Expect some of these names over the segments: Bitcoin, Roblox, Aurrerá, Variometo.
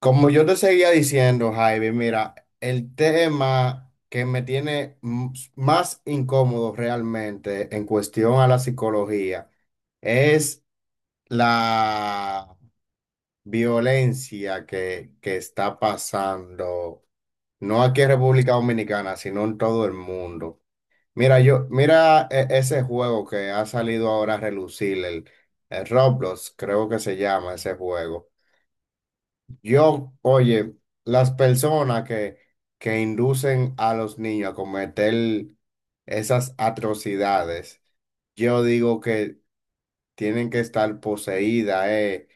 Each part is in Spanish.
Como yo te seguía diciendo, Jaime, mira, el tema que me tiene más incómodo realmente en cuestión a la psicología es la violencia que está pasando, no aquí en República Dominicana, sino en todo el mundo. Mira, yo, mira ese juego que ha salido ahora a relucir, el Roblox, creo que se llama ese juego. Yo, oye, las personas que inducen a los niños a cometer esas atrocidades, yo digo que tienen que estar poseídas,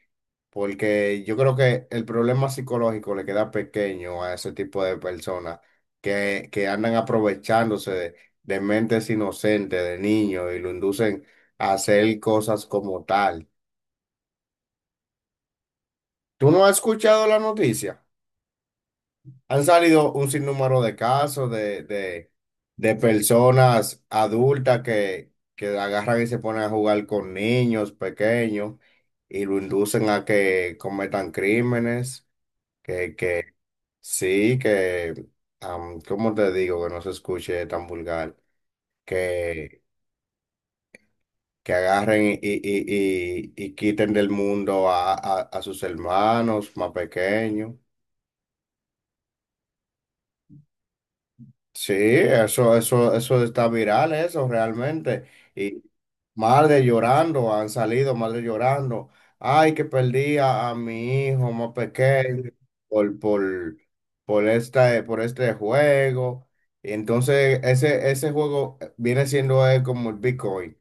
porque yo creo que el problema psicológico le queda pequeño a ese tipo de personas que andan aprovechándose de mentes inocentes, de niños, y lo inducen a hacer cosas como tal. ¿Tú no has escuchado la noticia? Han salido un sinnúmero de casos de personas adultas que agarran y se ponen a jugar con niños pequeños y lo inducen a que cometan crímenes, que sí, que, am, ¿Cómo te digo? Que no se escuche tan vulgar, que, que agarren y quiten del mundo a sus hermanos más pequeños. Sí, eso está viral, eso realmente. Y madres llorando, han salido madres llorando. Ay, que perdí a mi hijo más pequeño por, por, por por este juego. Y entonces ese juego viene siendo como el Bitcoin.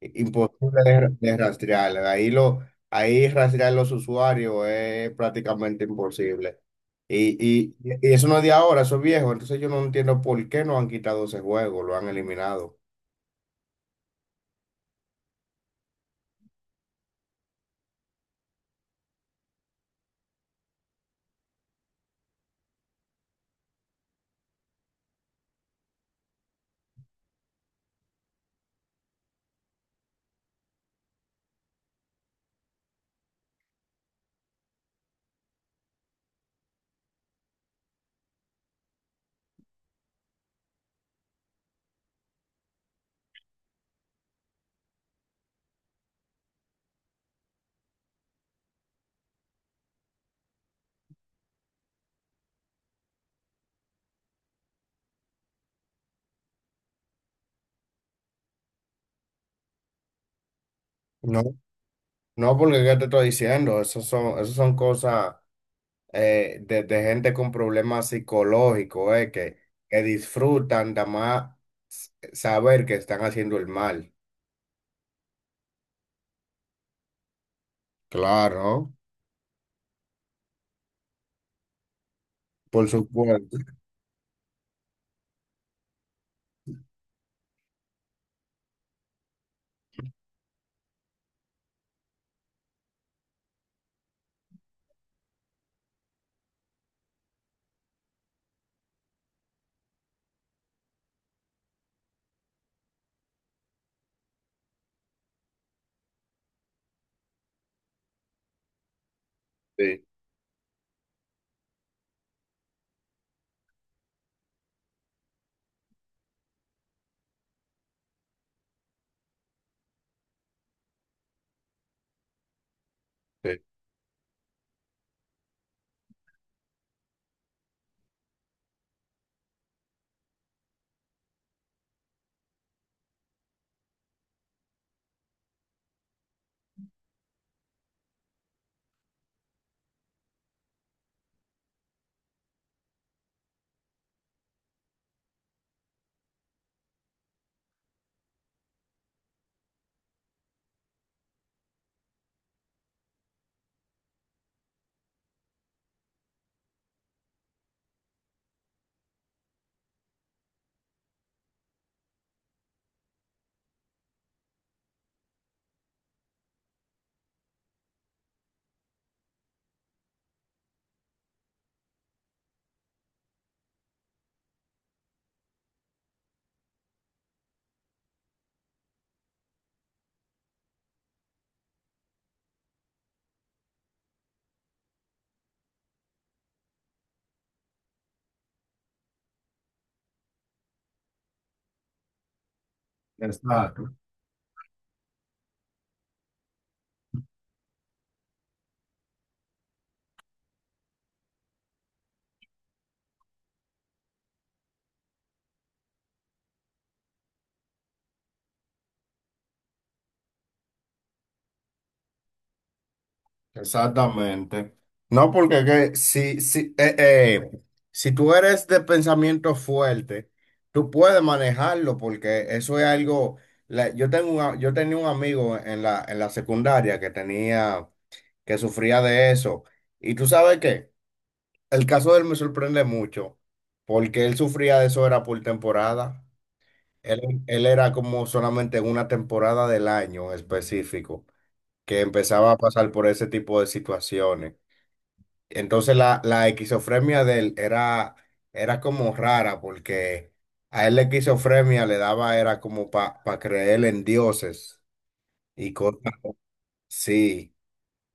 Imposible de rastrear. Ahí rastrear los usuarios es prácticamente imposible. Y, y, y eso no es de ahora, eso es viejo. Entonces yo no entiendo por qué no han quitado ese juego, lo han eliminado. No, no porque ¿qué te estoy diciendo? Esas son cosas de gente con problemas psicológicos, que disfrutan de más saber que están haciendo el mal. Claro, por supuesto. Sí, sí. Exacto. Exactamente. No, porque que si, si tú eres de pensamiento fuerte, tú puedes manejarlo porque eso es algo... yo tengo yo tenía un amigo en en la secundaria que sufría de eso. Y tú sabes qué, el caso de él me sorprende mucho porque él sufría de eso era por temporada. Él, Él era como solamente en una temporada del año específico que empezaba a pasar por ese tipo de situaciones. Entonces la esquizofrenia de él era, era como rara porque a él la esquizofrenia le daba, era como para creer en dioses y cosas así.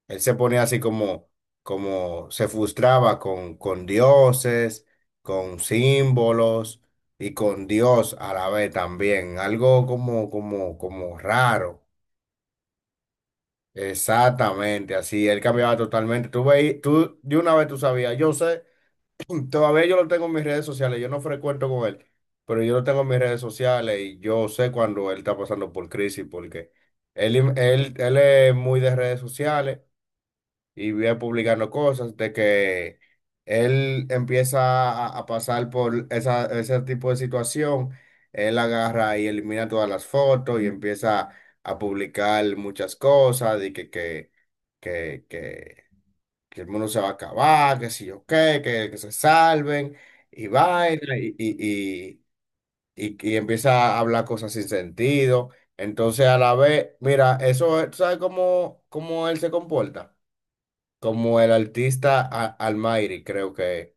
Él se ponía así como, como se frustraba con dioses, con símbolos y con Dios a la vez también. Algo como raro. Exactamente, así. Él cambiaba totalmente. Tú de una vez tú sabías, yo sé. Todavía yo lo tengo en mis redes sociales, yo no frecuento con él, pero yo lo tengo en mis redes sociales y yo sé cuando él está pasando por crisis porque él es muy de redes sociales y viene publicando cosas de que él empieza a pasar por ese tipo de situación, él agarra y elimina todas las fotos y empieza a publicar muchas cosas y que, que que el mundo se va a acabar, que si yo qué, que se salven, y vaina, y empieza a hablar cosas sin sentido. Entonces, a la vez, mira, ¿tú sabes cómo, cómo él se comporta? Como el artista Almighty, creo que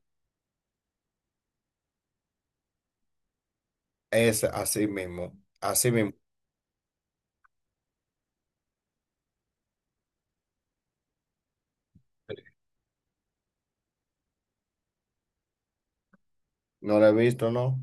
es así mismo, así mismo. No lo he visto, ¿no?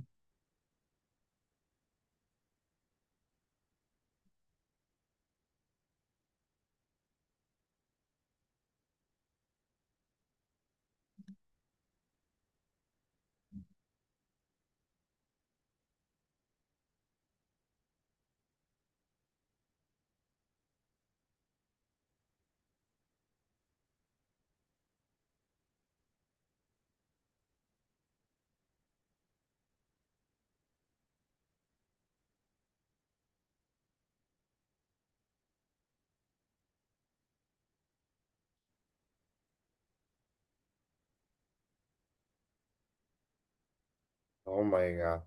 Oh my God.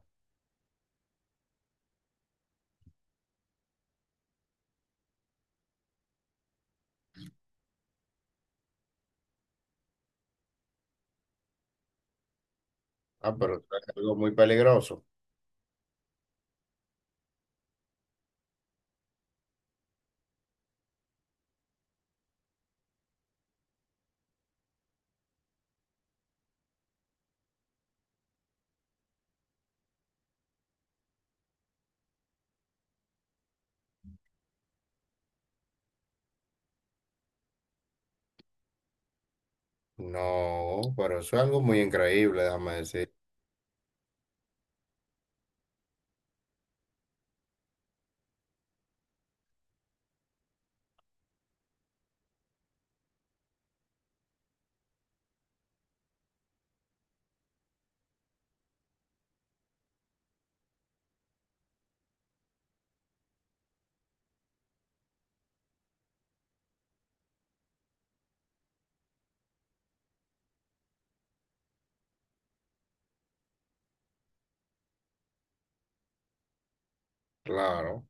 Ah, pero eso es algo muy peligroso. No, pero eso es algo muy increíble, déjame decir. Claro.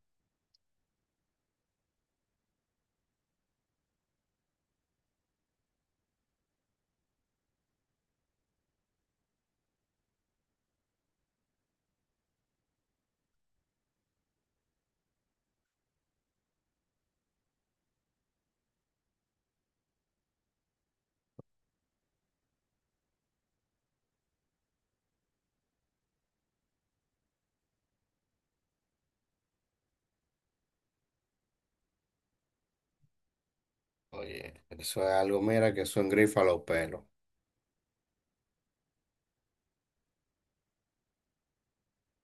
Oye, eso es algo, mira, que son grifas los pelos,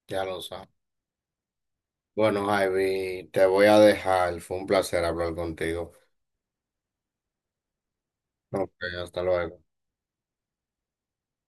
ya lo sabes. Bueno, Javi, te voy a dejar, fue un placer hablar contigo. Ok, hasta luego.